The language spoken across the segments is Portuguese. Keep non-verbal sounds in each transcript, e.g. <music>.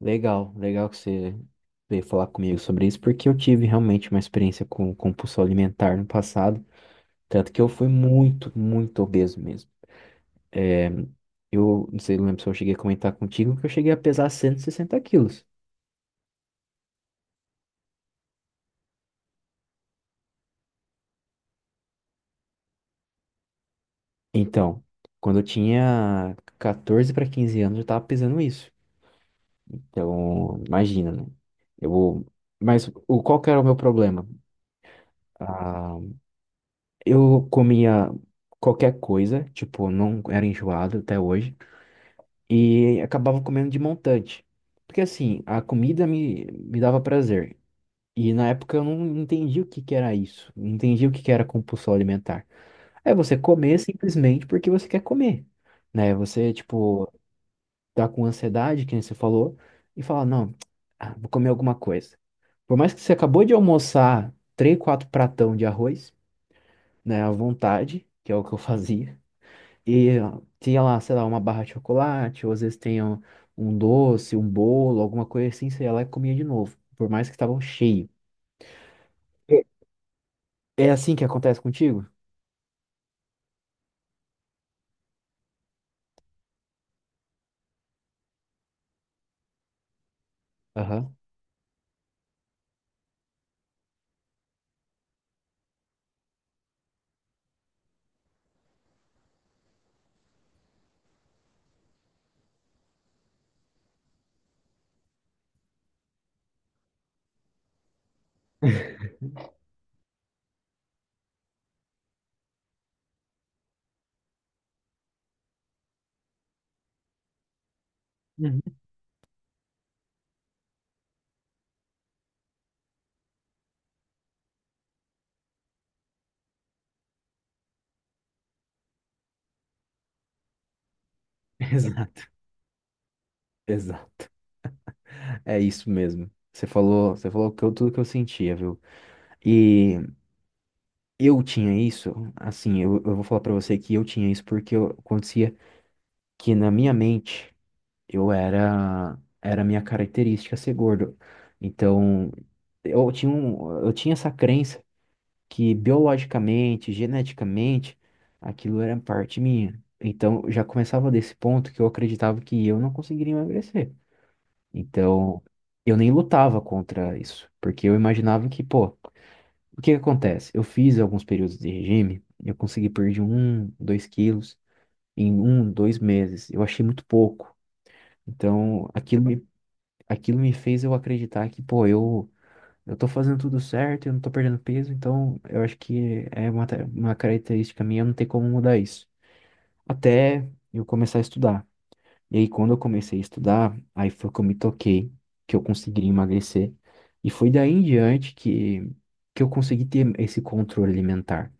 Legal, legal que você veio falar comigo sobre isso, porque eu tive realmente uma experiência com compulsão alimentar no passado, tanto que eu fui muito, muito obeso mesmo. É, eu não sei, lembro se eu cheguei a comentar contigo que eu cheguei a pesar 160 quilos. Então, quando eu tinha 14 para 15 anos, eu tava pesando isso. Então, imagina, né? Eu, mas qual que era o meu problema? Ah, eu comia qualquer coisa, tipo, não era enjoado até hoje. E acabava comendo de montante. Porque assim, a comida me dava prazer. E na época eu não entendi o que que era isso. Não entendi o que que era compulsão alimentar. É você comer simplesmente porque você quer comer, né? Você, tipo, tá com ansiedade, que nem você falou, e fala, não, <tsk> ah, vou comer alguma coisa. Por mais que você acabou de almoçar três, quatro pratão de arroz, né, à vontade, que é o que eu <laughs> fazia, e tinha lá, sei lá, uma barra de chocolate, ou às vezes tem um doce, um bolo, alguma coisa assim, você ia lá e comia de novo, por mais que estavam cheio. É. É assim que acontece contigo? Aham. Uhum. <laughs> Exato, exato. É isso mesmo. Você falou que eu, tudo que eu sentia, viu? E eu tinha isso, assim, eu vou falar pra você que eu tinha isso porque eu acontecia que na minha mente eu era a minha característica ser gordo. Então, eu tinha um, eu tinha essa crença que biologicamente, geneticamente, aquilo era parte minha. Então, já começava desse ponto que eu acreditava que eu não conseguiria emagrecer. Então, eu nem lutava contra isso, porque eu imaginava que, pô, o que que acontece? Eu fiz alguns períodos de regime, eu consegui perder um, dois quilos em um, dois meses. Eu achei muito pouco. Então, aquilo me fez eu acreditar que, pô, eu tô fazendo tudo certo, eu não tô perdendo peso, então eu acho que é uma, uma característica minha, não tem como mudar isso. Até eu começar a estudar. E aí, quando eu comecei a estudar, aí foi que eu me toquei, que eu consegui emagrecer. E foi daí em diante que eu consegui ter esse controle alimentar.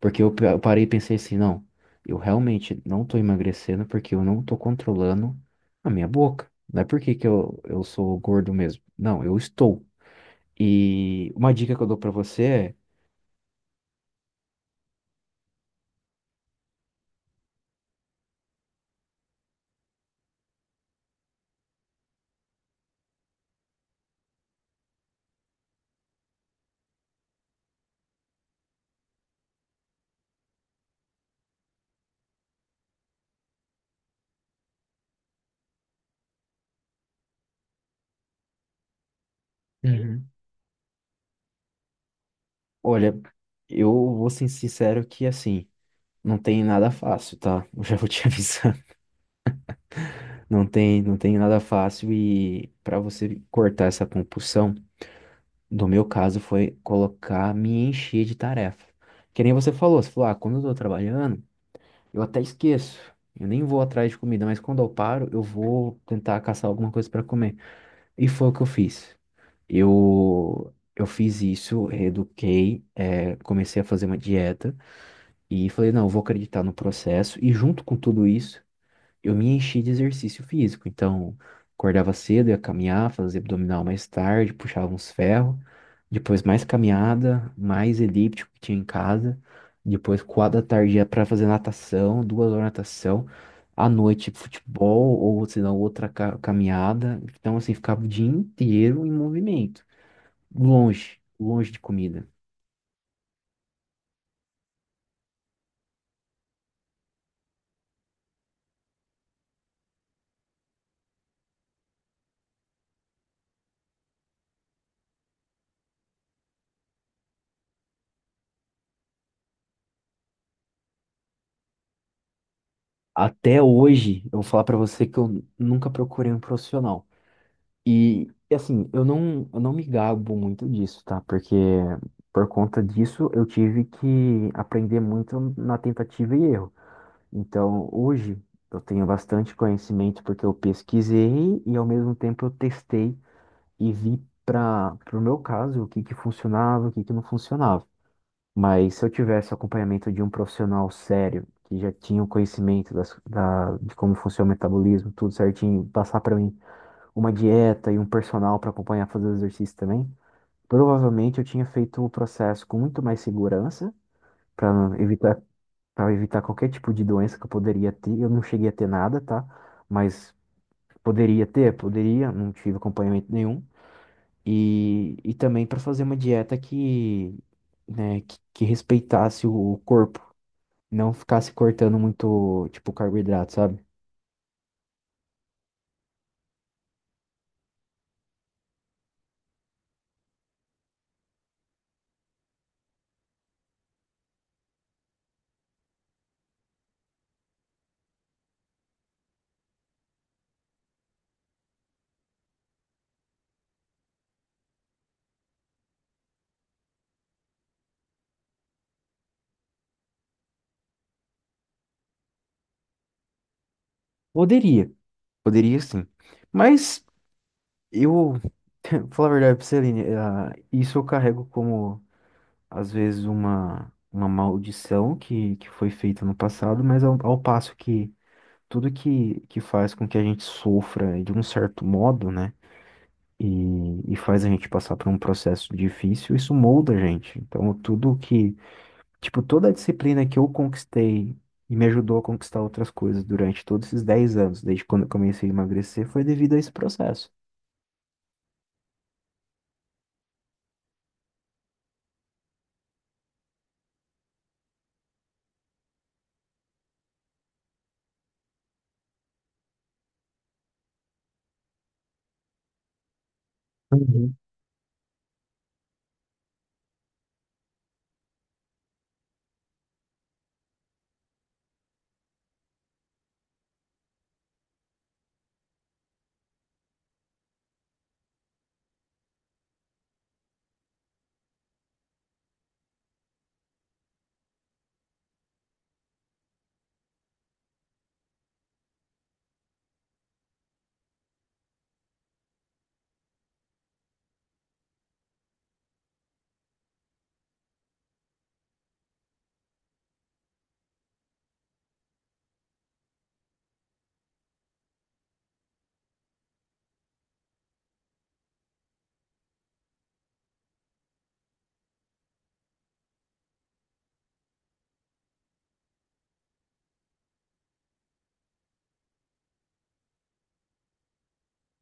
Porque eu parei e pensei assim, não, eu realmente não tô emagrecendo porque eu não tô controlando a minha boca. Não é porque que eu sou gordo mesmo. Não, eu estou. E uma dica que eu dou pra você é. Uhum. Olha, eu vou ser sincero que assim, não tem nada fácil, tá? Eu já vou te <laughs> avisar. Não tem nada fácil e pra você cortar essa compulsão, no meu caso foi colocar, me encher de tarefa. Que nem você falou, você falou, ah, quando eu tô trabalhando, eu até esqueço. Eu nem vou atrás de comida, mas quando eu paro, eu vou tentar caçar alguma coisa pra comer. E foi o que eu fiz. Eu fiz isso, reeduquei, comecei a fazer uma dieta e falei, não, eu vou acreditar no processo. E junto com tudo isso, eu me enchi de exercício físico. Então, acordava cedo, ia caminhar, fazia abdominal mais tarde, puxava uns ferros. Depois mais caminhada, mais elíptico que tinha em casa. Depois, quatro da tarde, ia para fazer natação, 2 horas de natação. À noite, futebol ou, se não, outra caminhada. Então, assim, ficava o dia inteiro em movimento. Longe, longe de comida. Até hoje, eu vou falar pra você que eu nunca procurei um profissional. E assim, eu não me gabo muito disso, tá? Porque por conta disso, eu tive que aprender muito na tentativa e erro. Então, hoje, eu tenho bastante conhecimento porque eu pesquisei e, ao mesmo tempo, eu testei e vi para o meu caso o que que funcionava, o que que não funcionava. Mas se eu tivesse o acompanhamento de um profissional sério, que já tinha o conhecimento de como funciona o metabolismo, tudo certinho, passar para mim uma dieta e um personal para acompanhar fazer o exercício também, provavelmente eu tinha feito o processo com muito mais segurança para evitar, para evitar qualquer tipo de doença que eu poderia ter. Eu não cheguei a ter nada, tá? Mas poderia ter, poderia, não tive acompanhamento nenhum. E também para fazer uma dieta que, né, que respeitasse o corpo. Não ficasse cortando muito, tipo, carboidrato, sabe? Poderia, poderia sim. Mas eu, <laughs> falar a verdade pra você, Aline, ah, isso eu carrego como, às vezes, uma maldição que foi feita no passado, mas ao passo que tudo que faz com que a gente sofra de um certo modo, né? E faz a gente passar por um processo difícil, isso molda a gente. Então, tudo que tipo, toda a disciplina que eu conquistei e me ajudou a conquistar outras coisas durante todos esses 10 anos, desde quando eu comecei a emagrecer, foi devido a esse processo. Uhum,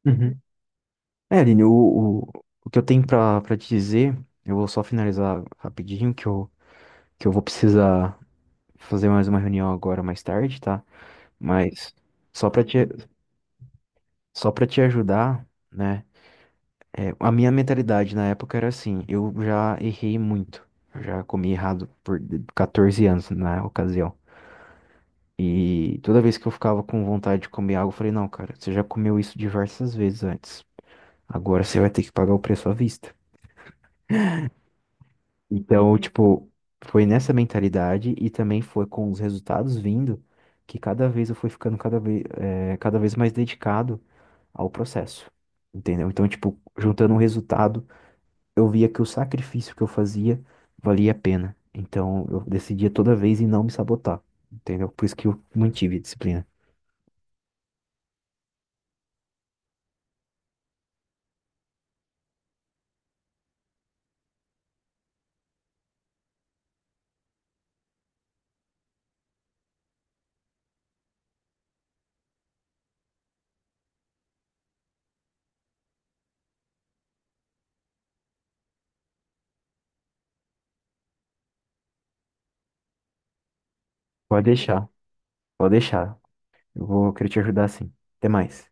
uhum. É, Aline, o que eu tenho pra te dizer, eu vou só finalizar rapidinho, que eu vou precisar fazer mais uma reunião agora mais tarde, tá? Mas só pra te, só para te ajudar, né? É, a minha mentalidade na época era assim, eu já errei muito, eu já comi errado por 14 anos na ocasião. E toda vez que eu ficava com vontade de comer algo, eu falei, não, cara, você já comeu isso diversas vezes antes. Agora você vai ter que pagar o preço à vista. Então, tipo, foi nessa mentalidade e também foi com os resultados vindo que cada vez eu fui ficando cada vez mais dedicado ao processo. Entendeu? Então, tipo, juntando o resultado, eu via que o sacrifício que eu fazia valia a pena. Então, eu decidia toda vez em não me sabotar. Entendeu? Por isso que eu mantive a disciplina. Pode deixar, pode deixar. Eu vou querer te ajudar sim. Até mais.